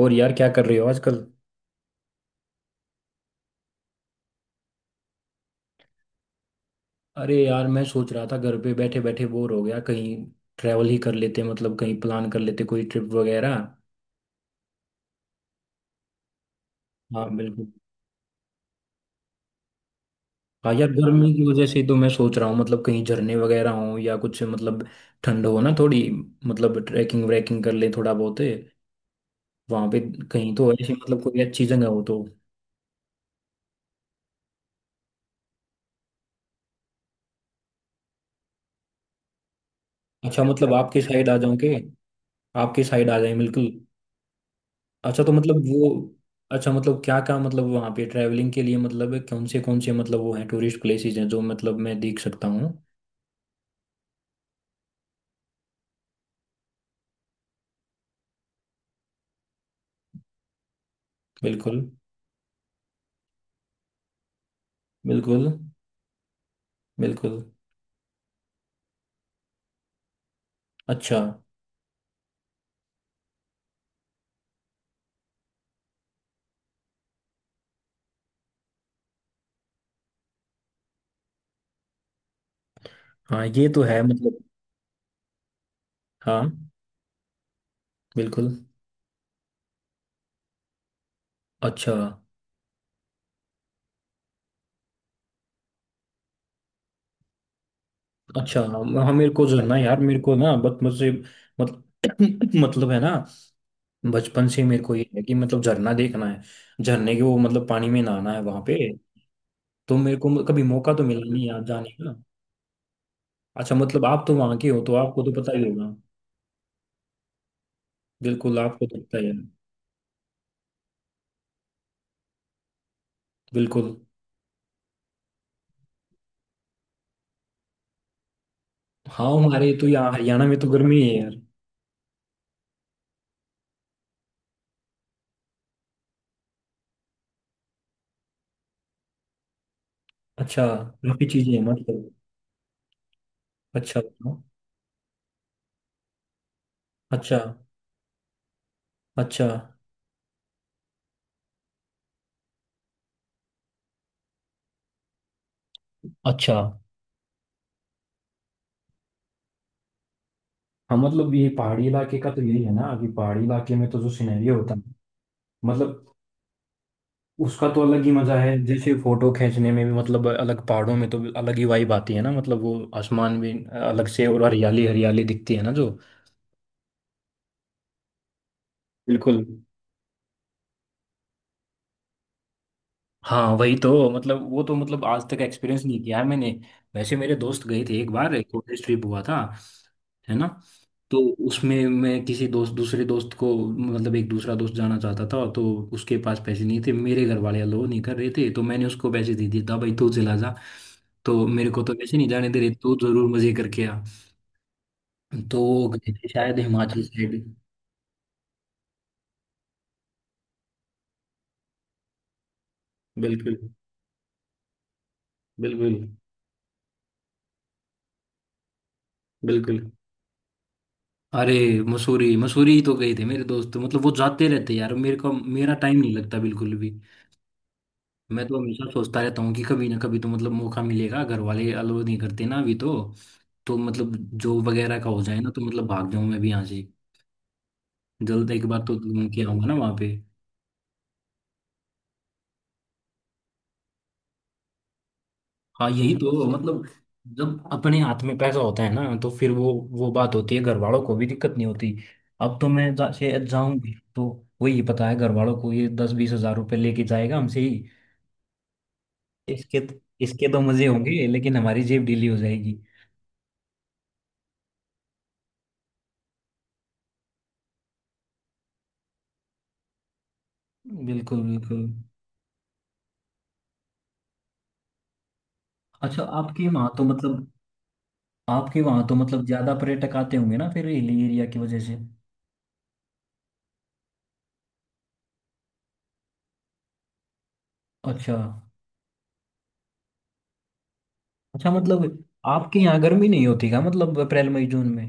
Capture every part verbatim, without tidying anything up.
और यार क्या कर रहे हो आजकल। अरे यार, मैं सोच रहा था घर पे बैठे बैठे बोर हो गया। कहीं ट्रैवल ही कर लेते, मतलब कहीं प्लान कर लेते कोई ट्रिप वगैरह। हाँ, बिल्कुल। हाँ यार, गर्मी की वजह से तो मैं सोच रहा हूँ, मतलब कहीं झरने वगैरह हो या कुछ, मतलब ठंड हो ना थोड़ी, मतलब ट्रैकिंग व्रैकिंग कर ले थोड़ा बहुत वहां पे, कहीं तो ऐसी मतलब कोई अच्छी जगह हो तो। अच्छा, मतलब आपके साइड आ जाऊं के आपके साइड आ जाए। बिल्कुल। अच्छा, तो मतलब वो। अच्छा, मतलब क्या क्या, मतलब वहाँ पे ट्रैवलिंग के लिए, मतलब कौन से कौन से, मतलब वो हैं टूरिस्ट प्लेसेस हैं जो मतलब मैं देख सकता हूँ। बिल्कुल। बिल्कुल। बिल्कुल। अच्छा, हाँ ये तो है मतलब। हाँ, बिल्कुल। अच्छा। अच्छा। हाँ, हाँ, मेरे को जो है ना यार, मेरे को ना बचपन से मतलब मतलब है ना, बचपन से मेरे को ये है कि मतलब झरना देखना है। झरने के वो, मतलब पानी में नहाना है वहाँ पे। तो मेरे को कभी मौका तो मिला नहीं यार जाने का। अच्छा, मतलब आप तो वहाँ के हो तो आपको तो पता ही होगा। बिल्कुल, आपको तो पता ही है। बिल्कुल। हाँ, हमारे तो यहाँ हरियाणा में तो गर्मी है यार। अच्छा, काफी चीजें हैं मतलब। अच्छा। अच्छा। अच्छा। अच्छा। हाँ, मतलब ये पहाड़ी इलाके का तो यही है ना, कि पहाड़ी इलाके में तो जो सिनेरियो होता है, मतलब उसका तो अलग ही मजा है। जैसे फोटो खींचने में भी मतलब अलग, पहाड़ों में तो अलग ही वाइब आती है ना, मतलब वो आसमान भी अलग से, और हरियाली हरियाली दिखती है ना जो। बिल्कुल। हाँ वही तो मतलब, वो तो मतलब आज तक एक्सपीरियंस नहीं किया है मैंने। वैसे मेरे दोस्त गए थे एक बार, एक कॉलेज ट्रिप हुआ था, है ना। तो उसमें मैं किसी दोस्त दूसरे दोस्त को, मतलब एक दूसरा दोस्त जाना चाहता था तो। उसके पास पैसे नहीं थे, मेरे घर वाले अलो नहीं कर रहे थे, तो मैंने उसको पैसे दे दिए था, भाई तू चला जा। तो मेरे को तो वैसे नहीं जाने दे रहे, तू जरूर मजे करके आ। तो वो गए थे शायद हिमाचल साइड। बिल्कुल। बिल्कुल। बिल्कुल। अरे, मसूरी मसूरी ही तो गए थे मेरे दोस्त, मतलब वो जाते रहते यार, मेरे को मेरा टाइम नहीं लगता बिल्कुल भी। मैं तो हमेशा सोचता रहता हूँ कि कभी ना कभी तो मतलब मौका मिलेगा, घर वाले अलाउ नहीं करते ना अभी तो। तो मतलब जॉब वगैरह का हो जाए ना, तो मतलब भाग जाऊँ मैं भी यहाँ से। जल्द एक बार तो घूम के आऊंगा ना वहाँ पे। हाँ यही तो मतलब, जब अपने हाथ में पैसा होता है ना तो फिर वो वो बात होती है, घर वालों को भी दिक्कत नहीं होती। अब तो मैं जा, से जाऊं भी तो। वही पता है घर वालों को, ये दस बीस हजार रुपये लेके जाएगा हमसे ही। इसके इसके तो मजे होंगे, लेकिन हमारी जेब ढीली हो जाएगी। बिल्कुल। बिल्कुल। अच्छा, आपके वहां तो मतलब आपके वहां तो मतलब ज्यादा पर्यटक आते होंगे ना फिर हिली एरिया की वजह से। अच्छा। अच्छा, मतलब आपके यहाँ गर्मी नहीं होती क्या, मतलब अप्रैल मई जून में।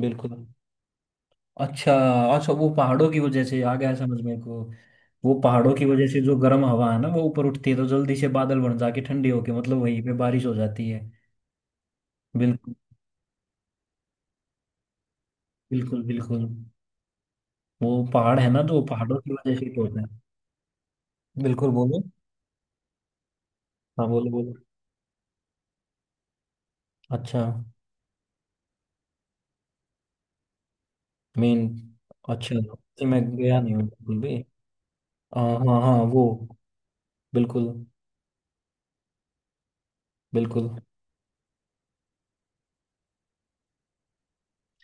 बिल्कुल। अच्छा। अच्छा, वो पहाड़ों की वजह से आ गया समझ मेरे को। वो पहाड़ों की वजह से जो गर्म हवा है ना, वो ऊपर उठती है तो जल्दी से बादल बन जाके ठंडी होके मतलब वहीं पे बारिश हो जाती है। बिल्कुल। बिल्कुल। बिल्कुल। वो पहाड़ है ना, तो पहाड़ों की वजह से ही तो होता है। बिल्कुल, बोलो। हाँ बोलो बोलो। अच्छा, मेन। अच्छा नहीं, मैं गया नहीं हूँ बिल्कुल भी। हाँ, हाँ, हाँ, वो। बिल्कुल। बिल्कुल।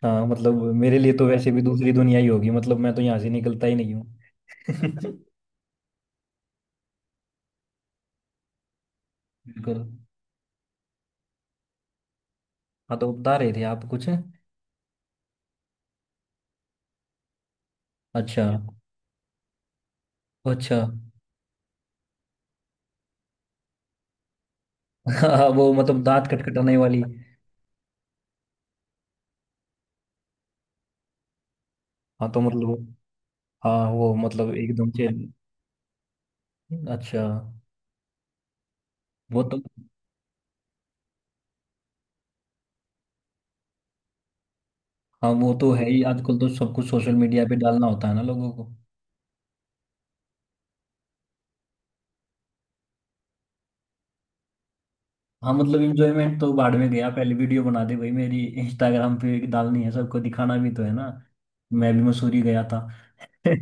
हाँ, मतलब मेरे लिए तो वैसे भी दूसरी दुनिया ही होगी, मतलब मैं तो यहाँ से निकलता ही नहीं हूँ। बिल्कुल। हाँ, तो बता रहे थे आप कुछ। अच्छा। अच्छा। हाँ वो मतलब दांत खटखटाने वाली। हाँ तो मतलब। हाँ वो मतलब एकदम से। अच्छा, वो तो। हाँ, वो तो है ही, आजकल तो सब कुछ सोशल मीडिया पे डालना होता है ना लोगों को। हाँ मतलब, इंजॉयमेंट तो बाद में गया, पहले वीडियो बना दे भाई, मेरी इंस्टाग्राम पे डालनी है, सबको दिखाना भी तो है ना। मैं भी मसूरी गया था।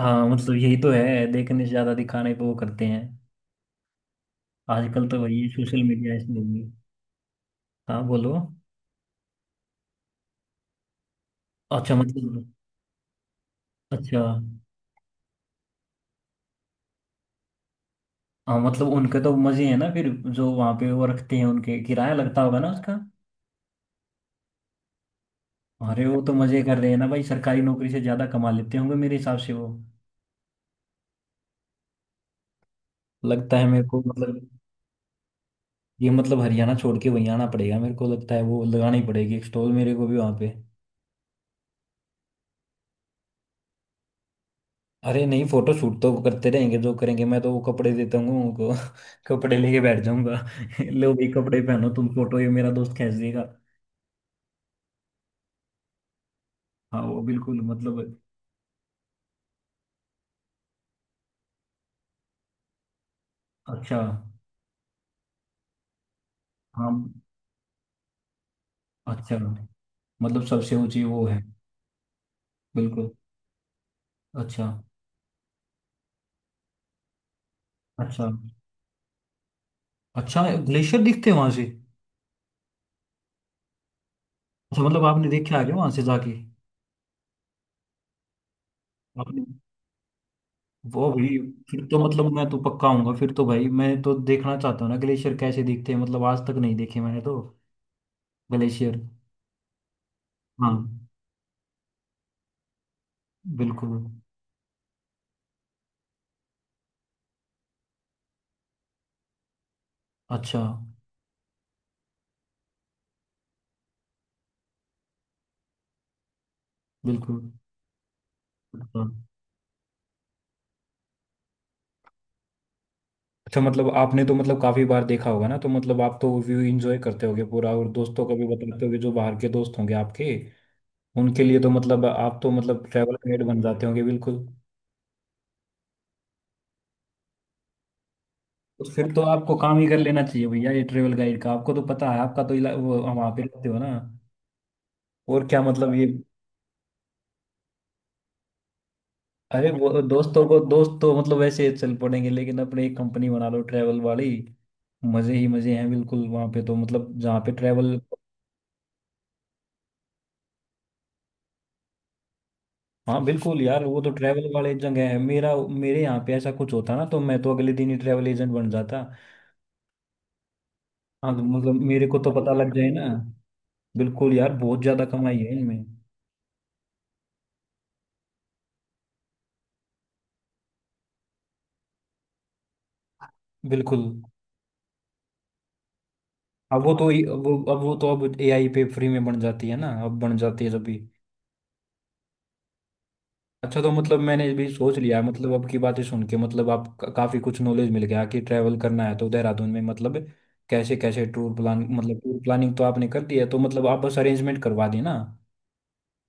हाँ मतलब यही तो है, देखने से ज्यादा दिखाने पे वो करते हैं। आजकल तो वही सोशल मीडिया इसमें भी। हाँ बोलो। अच्छा मतलब। अच्छा। हाँ मतलब उनके तो मजे हैं ना फिर, जो वहाँ पे वो रखते हैं उनके, किराया लगता होगा ना उसका। अरे, वो तो मजे कर रहे हैं ना भाई, सरकारी नौकरी से ज्यादा कमा लेते होंगे मेरे हिसाब से वो। लगता है मेरे को मतलब। ये मतलब हरियाणा छोड़ के वहीं आना पड़ेगा मेरे को लगता है, वो लगानी पड़ेगी एक स्टॉल मेरे को भी वहाँ पे। अरे नहीं, फोटो शूट तो करते रहेंगे जो करेंगे, मैं तो वो कपड़े देता हूँ उनको। कपड़े लेके बैठ जाऊंगा। लो भाई, कपड़े पहनो तुम, फोटो ये मेरा दोस्त खींच देगा। हाँ वो बिल्कुल मतलब। अच्छा। हाँ। अच्छा, मतलब सबसे ऊंची वो है। बिल्कुल। अच्छा। अच्छा, अच्छा ग्लेशियर दिखते हैं वहां से। अच्छा, मतलब आपने देखा है क्या वहां से जाके। आपने वो भी, फिर तो मतलब मैं तो पक्का आऊंगा फिर तो भाई, मैं तो देखना चाहता हूँ ना ग्लेशियर कैसे दिखते हैं, मतलब आज तक नहीं देखे मैंने तो ग्लेशियर। हाँ बिल्कुल। अच्छा। बिल्कुल। अच्छा। अच्छा, मतलब आपने तो मतलब काफी बार देखा होगा ना, तो मतलब आप तो व्यू एंजॉय करते होगे पूरा, और दोस्तों को भी बताते होगे जो बाहर के दोस्त होंगे आपके। उनके लिए तो मतलब आप तो मतलब ट्रैवल गाइड बन जाते होंगे बिल्कुल। तो फिर तो आपको काम ही कर लेना चाहिए भैया ये ट्रेवल गाइड का, आपको तो पता है, आपका तो इला, वो वहाँ पे रहते हो ना। और क्या, मतलब ये। अरे वो दोस्तों को, दोस्त तो मतलब वैसे चल पड़ेंगे, लेकिन अपने एक कंपनी बना लो ट्रैवल वाली। मजे ही मजे हैं बिल्कुल, वहाँ पे तो मतलब जहाँ पे ट्रैवल। हाँ बिल्कुल यार, वो तो ट्रैवल वाले जगह है, मेरा मेरे यहाँ पे ऐसा कुछ होता ना तो मैं तो अगले दिन ही ट्रैवल एजेंट बन जाता। हाँ तो मतलब मेरे को तो पता लग जाए ना। बिल्कुल यार, बहुत ज्यादा कमाई है इनमें। बिल्कुल। अब वो तो वो अब वो तो अब ए आई पे फ्री में बन जाती है ना, अब बन जाती है जब भी। अच्छा, तो मतलब मैंने भी सोच लिया है, मतलब अब की बातें सुन के, मतलब आप का- काफी कुछ नॉलेज मिल गया कि ट्रैवल करना है तो देहरादून में मतलब। कैसे कैसे टूर प्लान, मतलब टूर प्लानिंग तो आपने कर दी है, तो मतलब आप बस अरेंजमेंट करवा देना।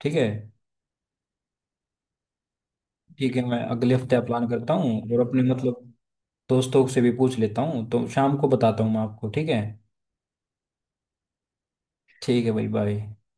ठीक है। ठीक है, मैं अगले हफ्ते प्लान करता हूँ और अपने मतलब दोस्तों से भी पूछ लेता हूँ, तो शाम को बताता हूँ मैं आपको। ठीक है। ठीक है भाई, बाय।